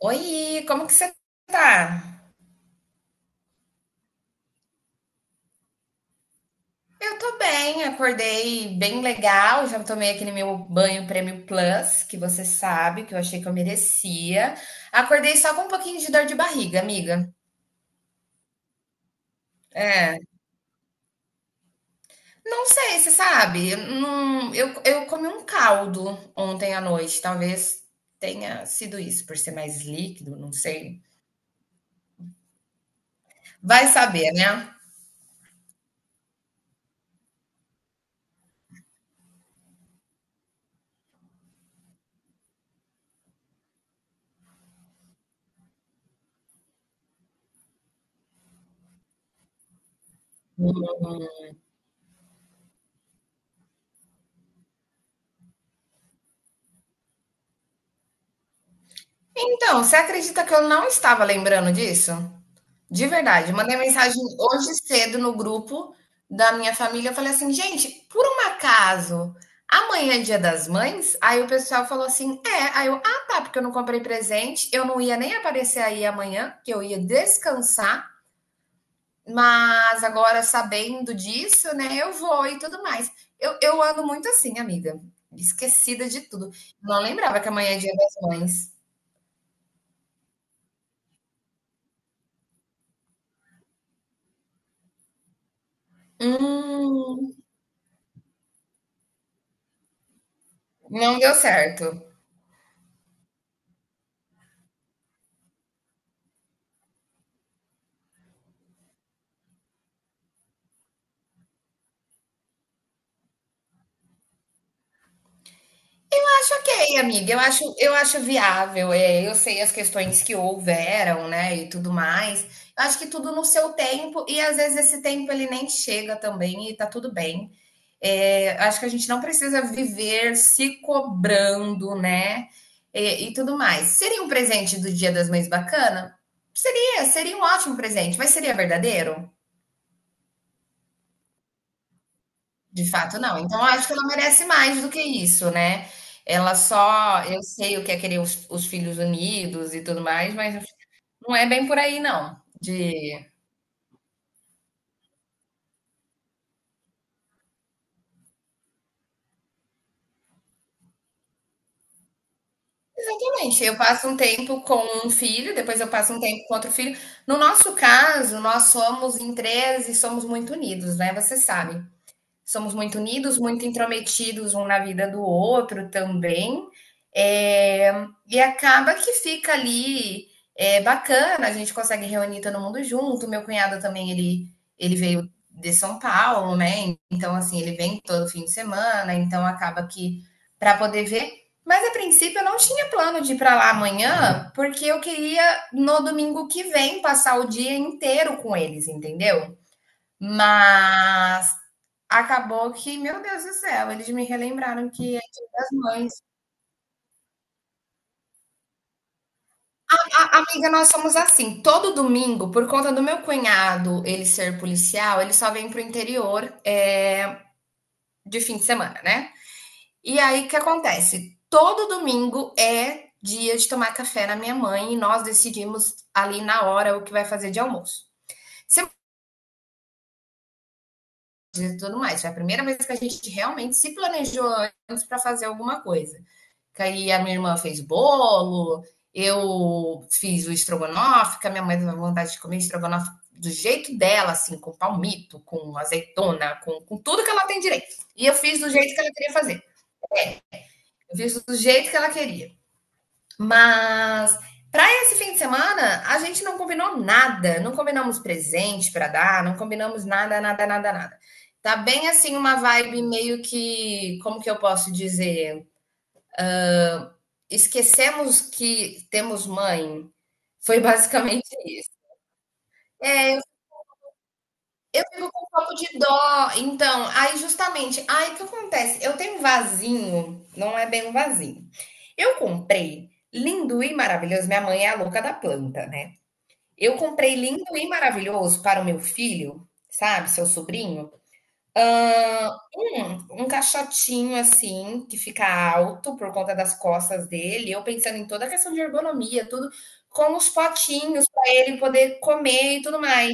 Oi, como que você tá? Eu tô bem, acordei bem legal, já tomei aquele meu banho Prêmio Plus, que você sabe, que eu achei que eu merecia. Acordei só com um pouquinho de dor de barriga, amiga. É. Não sei, você sabe, eu não, eu comi um caldo ontem à noite, talvez tenha sido isso, por ser mais líquido, não sei. Vai saber, né? Então, você acredita que eu não estava lembrando disso? De verdade, mandei mensagem hoje cedo no grupo da minha família. Eu falei assim, gente, por um acaso, amanhã é Dia das Mães? Aí o pessoal falou assim, é. Aí eu, ah, tá, porque eu não comprei presente. Eu não ia nem aparecer aí amanhã, que eu ia descansar. Mas agora, sabendo disso, né, eu vou e tudo mais. Eu ando muito assim, amiga. Esquecida de tudo. Não lembrava que amanhã é Dia das Mães. Hum, não deu certo. Acho ok, amiga. Eu acho viável. É, eu sei as questões que houveram, né, e tudo mais. Eu acho que tudo no seu tempo e às vezes esse tempo ele nem chega também e tá tudo bem. É, acho que a gente não precisa viver se cobrando, né, e tudo mais. Seria um presente do Dia das Mães bacana? Seria um ótimo presente, mas seria verdadeiro? De fato, não. Então, eu acho que ela merece mais do que isso, né. Ela só eu sei o que é querer os filhos unidos e tudo mais, mas não é bem por aí não, de exatamente, eu passo um tempo com um filho, depois eu passo um tempo com outro filho. No nosso caso, nós somos em 3 e somos muito unidos, né, você sabe. Somos muito unidos, muito intrometidos um na vida do outro também. E acaba que fica ali, bacana, a gente consegue reunir todo mundo junto. Meu cunhado também, ele veio de São Paulo, né? Então, assim, ele vem todo fim de semana, então acaba que para poder ver. Mas a princípio eu não tinha plano de ir para lá amanhã, porque eu queria no domingo que vem passar o dia inteiro com eles, entendeu? Mas acabou que, meu Deus do céu, eles me relembraram que é Dia das Mães. A amiga, nós somos assim, todo domingo, por conta do meu cunhado, ele ser policial, ele só vem pro interior, de fim de semana, né. E aí, o que acontece? Todo domingo é dia de tomar café na minha mãe e nós decidimos ali na hora o que vai fazer de almoço. Sem e tudo mais, foi a primeira vez que a gente realmente se planejou antes pra fazer alguma coisa. Que aí a minha irmã fez bolo, eu fiz o estrogonofe, que a minha mãe teve vontade de comer estrogonofe do jeito dela, assim, com palmito, com azeitona, com tudo que ela tem direito. E eu fiz do jeito que ela queria fazer. Eu fiz do jeito que ela queria. Mas para esse fim de semana, a gente não combinou nada. Não combinamos presente para dar, não combinamos nada, nada, nada, nada. Tá bem assim uma vibe meio que, como que eu posso dizer? Esquecemos que temos mãe. Foi basicamente isso. Eu fico com um pouco de dó. Então, aí justamente, aí o que acontece? Eu tenho um vasinho, não é bem um vasinho. Eu comprei lindo e maravilhoso. Minha mãe é a louca da planta, né? Eu comprei lindo e maravilhoso para o meu filho, sabe, seu sobrinho. Hã, um caixotinho, assim, que fica alto por conta das costas dele, eu pensando em toda a questão de ergonomia, tudo, com os potinhos para ele poder comer e tudo mais.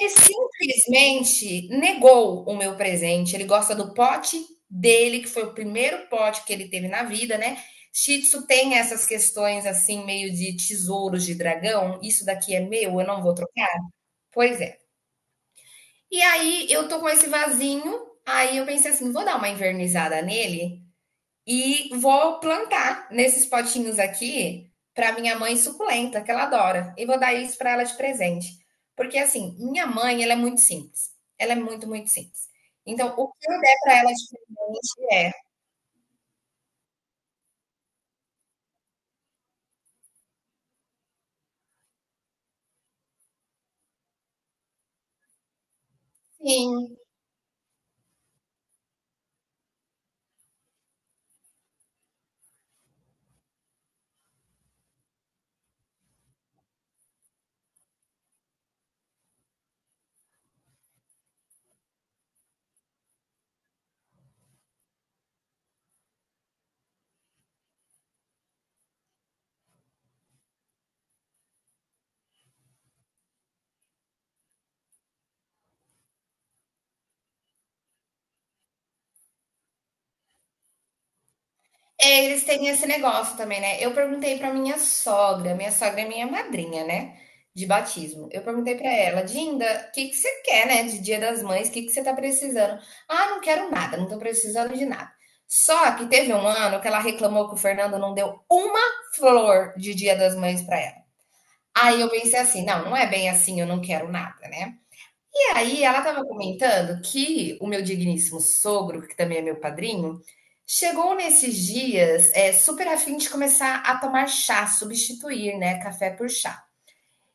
Ele simplesmente negou o meu presente, ele gosta do pote dele, que foi o primeiro pote que ele teve na vida, né. Shih Tzu tem essas questões, assim, meio de tesouros de dragão, "Isso daqui é meu, eu não vou trocar". Pois é. E aí eu tô com esse vasinho, aí eu pensei assim, vou dar uma invernizada nele e vou plantar nesses potinhos aqui para minha mãe suculenta, que ela adora, e vou dar isso para ela de presente. Porque assim, minha mãe, ela é muito simples. Ela é muito, muito simples. Então, o que eu der para ela de presente é, sim. É, eles têm esse negócio também, né. Eu perguntei para minha sogra é minha madrinha, né, de batismo. Eu perguntei para ela: "Dinda, o que que você quer, né, de Dia das Mães, o que que você tá precisando?". "Ah, não quero nada, não tô precisando de nada". Só que teve um ano que ela reclamou que o Fernando não deu uma flor de Dia das Mães para ela. Aí eu pensei assim: "Não, não é bem assim, eu não quero nada, né". E aí ela estava comentando que o meu digníssimo sogro, que também é meu padrinho, chegou nesses dias, super afim de começar a tomar chá, substituir, né, café por chá.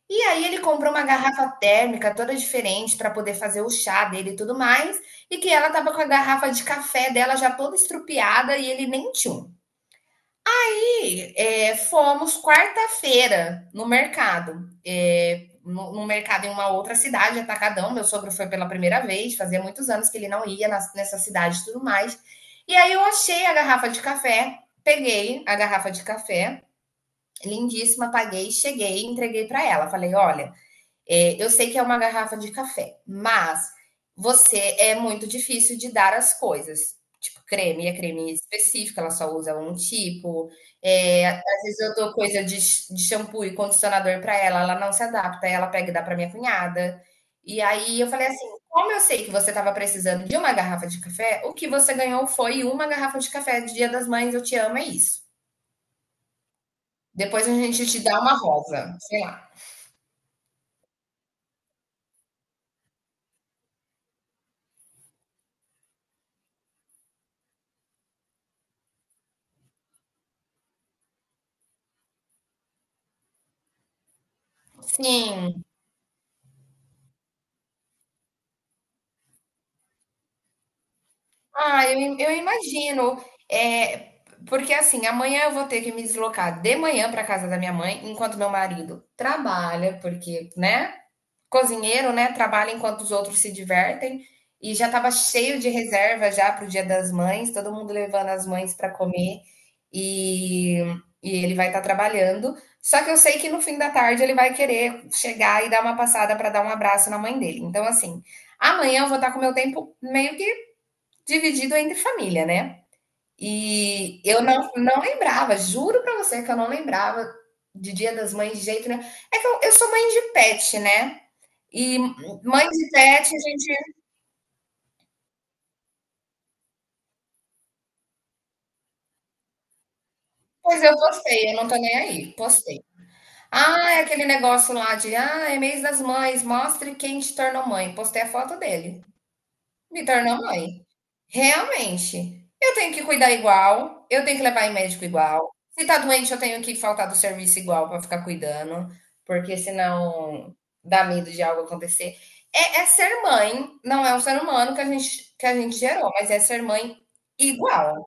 E aí ele comprou uma garrafa térmica toda diferente para poder fazer o chá dele e tudo mais, e que ela estava com a garrafa de café dela já toda estrupiada e ele nem tchum. É, fomos quarta-feira no mercado. É, no mercado em uma outra cidade, Atacadão. Meu sogro foi pela primeira vez, fazia muitos anos que ele não ia nessa cidade e tudo mais. E aí eu achei a garrafa de café, peguei a garrafa de café, lindíssima, paguei, cheguei, entreguei para ela. Falei: olha, é, eu sei que é uma garrafa de café, mas você é muito difícil de dar as coisas. Tipo, creme é creme específico, ela só usa um tipo. É, às vezes eu dou coisa de shampoo e condicionador para ela, ela não se adapta, ela pega e dá para minha cunhada. E aí eu falei assim: como eu sei que você estava precisando de uma garrafa de café, o que você ganhou foi uma garrafa de café de Dia das Mães, eu te amo, é isso. Depois a gente te dá uma rosa, sei lá. Sim. Ah, eu imagino. É, porque assim, amanhã eu vou ter que me deslocar de manhã para casa da minha mãe, enquanto meu marido trabalha, porque, né? Cozinheiro, né? Trabalha enquanto os outros se divertem. E já estava cheio de reserva já para o Dia das Mães, todo mundo levando as mães para comer. E, e ele vai estar trabalhando. Só que eu sei que no fim da tarde ele vai querer chegar e dar uma passada para dar um abraço na mãe dele. Então, assim, amanhã eu vou estar com o meu tempo meio que dividido entre família, né. E eu não lembrava, juro pra você que eu não lembrava de Dia das Mães de jeito nenhum. É que eu sou mãe de pet, né, e mãe de pet a gente pois eu postei, eu não tô nem aí, postei. Ah, é aquele negócio lá de: "Ah, é mês das mães, mostre quem te tornou mãe", postei a foto dele, me tornou mãe. Realmente. Eu tenho que cuidar igual, eu tenho que levar em médico igual. Se tá doente, eu tenho que faltar do serviço igual pra ficar cuidando, porque senão dá medo de algo acontecer. É ser mãe, não é um ser humano que a gente gerou, mas é ser mãe igual.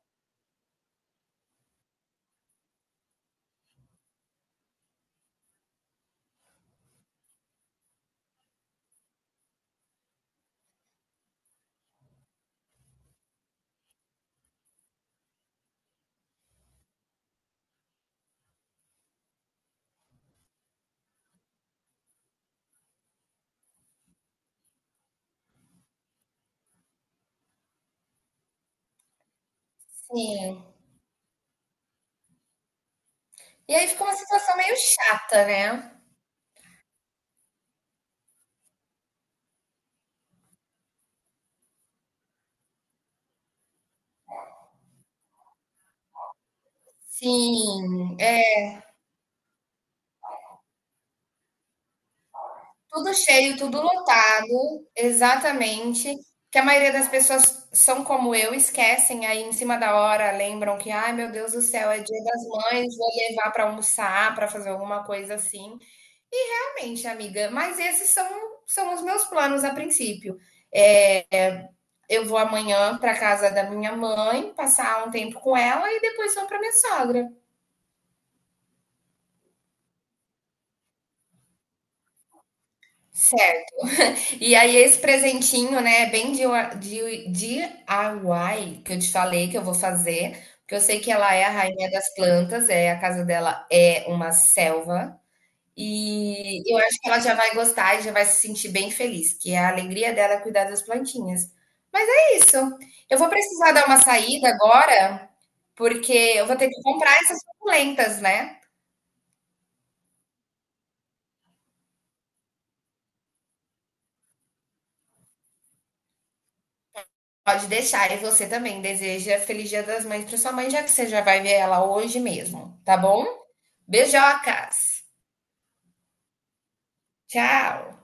Sim. E aí fica uma situação meio chata, né. Sim, é. Tudo cheio, tudo lotado, exatamente. Que a maioria das pessoas são como eu, esquecem aí em cima da hora, lembram que, ai meu Deus do céu, é Dia das Mães, vou levar para almoçar, para fazer alguma coisa assim. E realmente, amiga, mas esses são os meus planos a princípio. É, eu vou amanhã para casa da minha mãe, passar um tempo com ela e depois vou para minha sogra. E aí, esse presentinho, né, é bem de DIY, que eu te falei que eu vou fazer, porque eu sei que ela é a rainha das plantas, é, a casa dela é uma selva, e eu acho que ela já vai gostar e já vai se sentir bem feliz, que é a alegria dela é cuidar das plantinhas. Mas é isso. Eu vou precisar dar uma saída agora, porque eu vou ter que comprar essas suculentas, né? Pode deixar, e você também deseja Feliz Dia das Mães para sua mãe, já que você já vai ver ela hoje mesmo, tá bom? Beijocas. Tchau.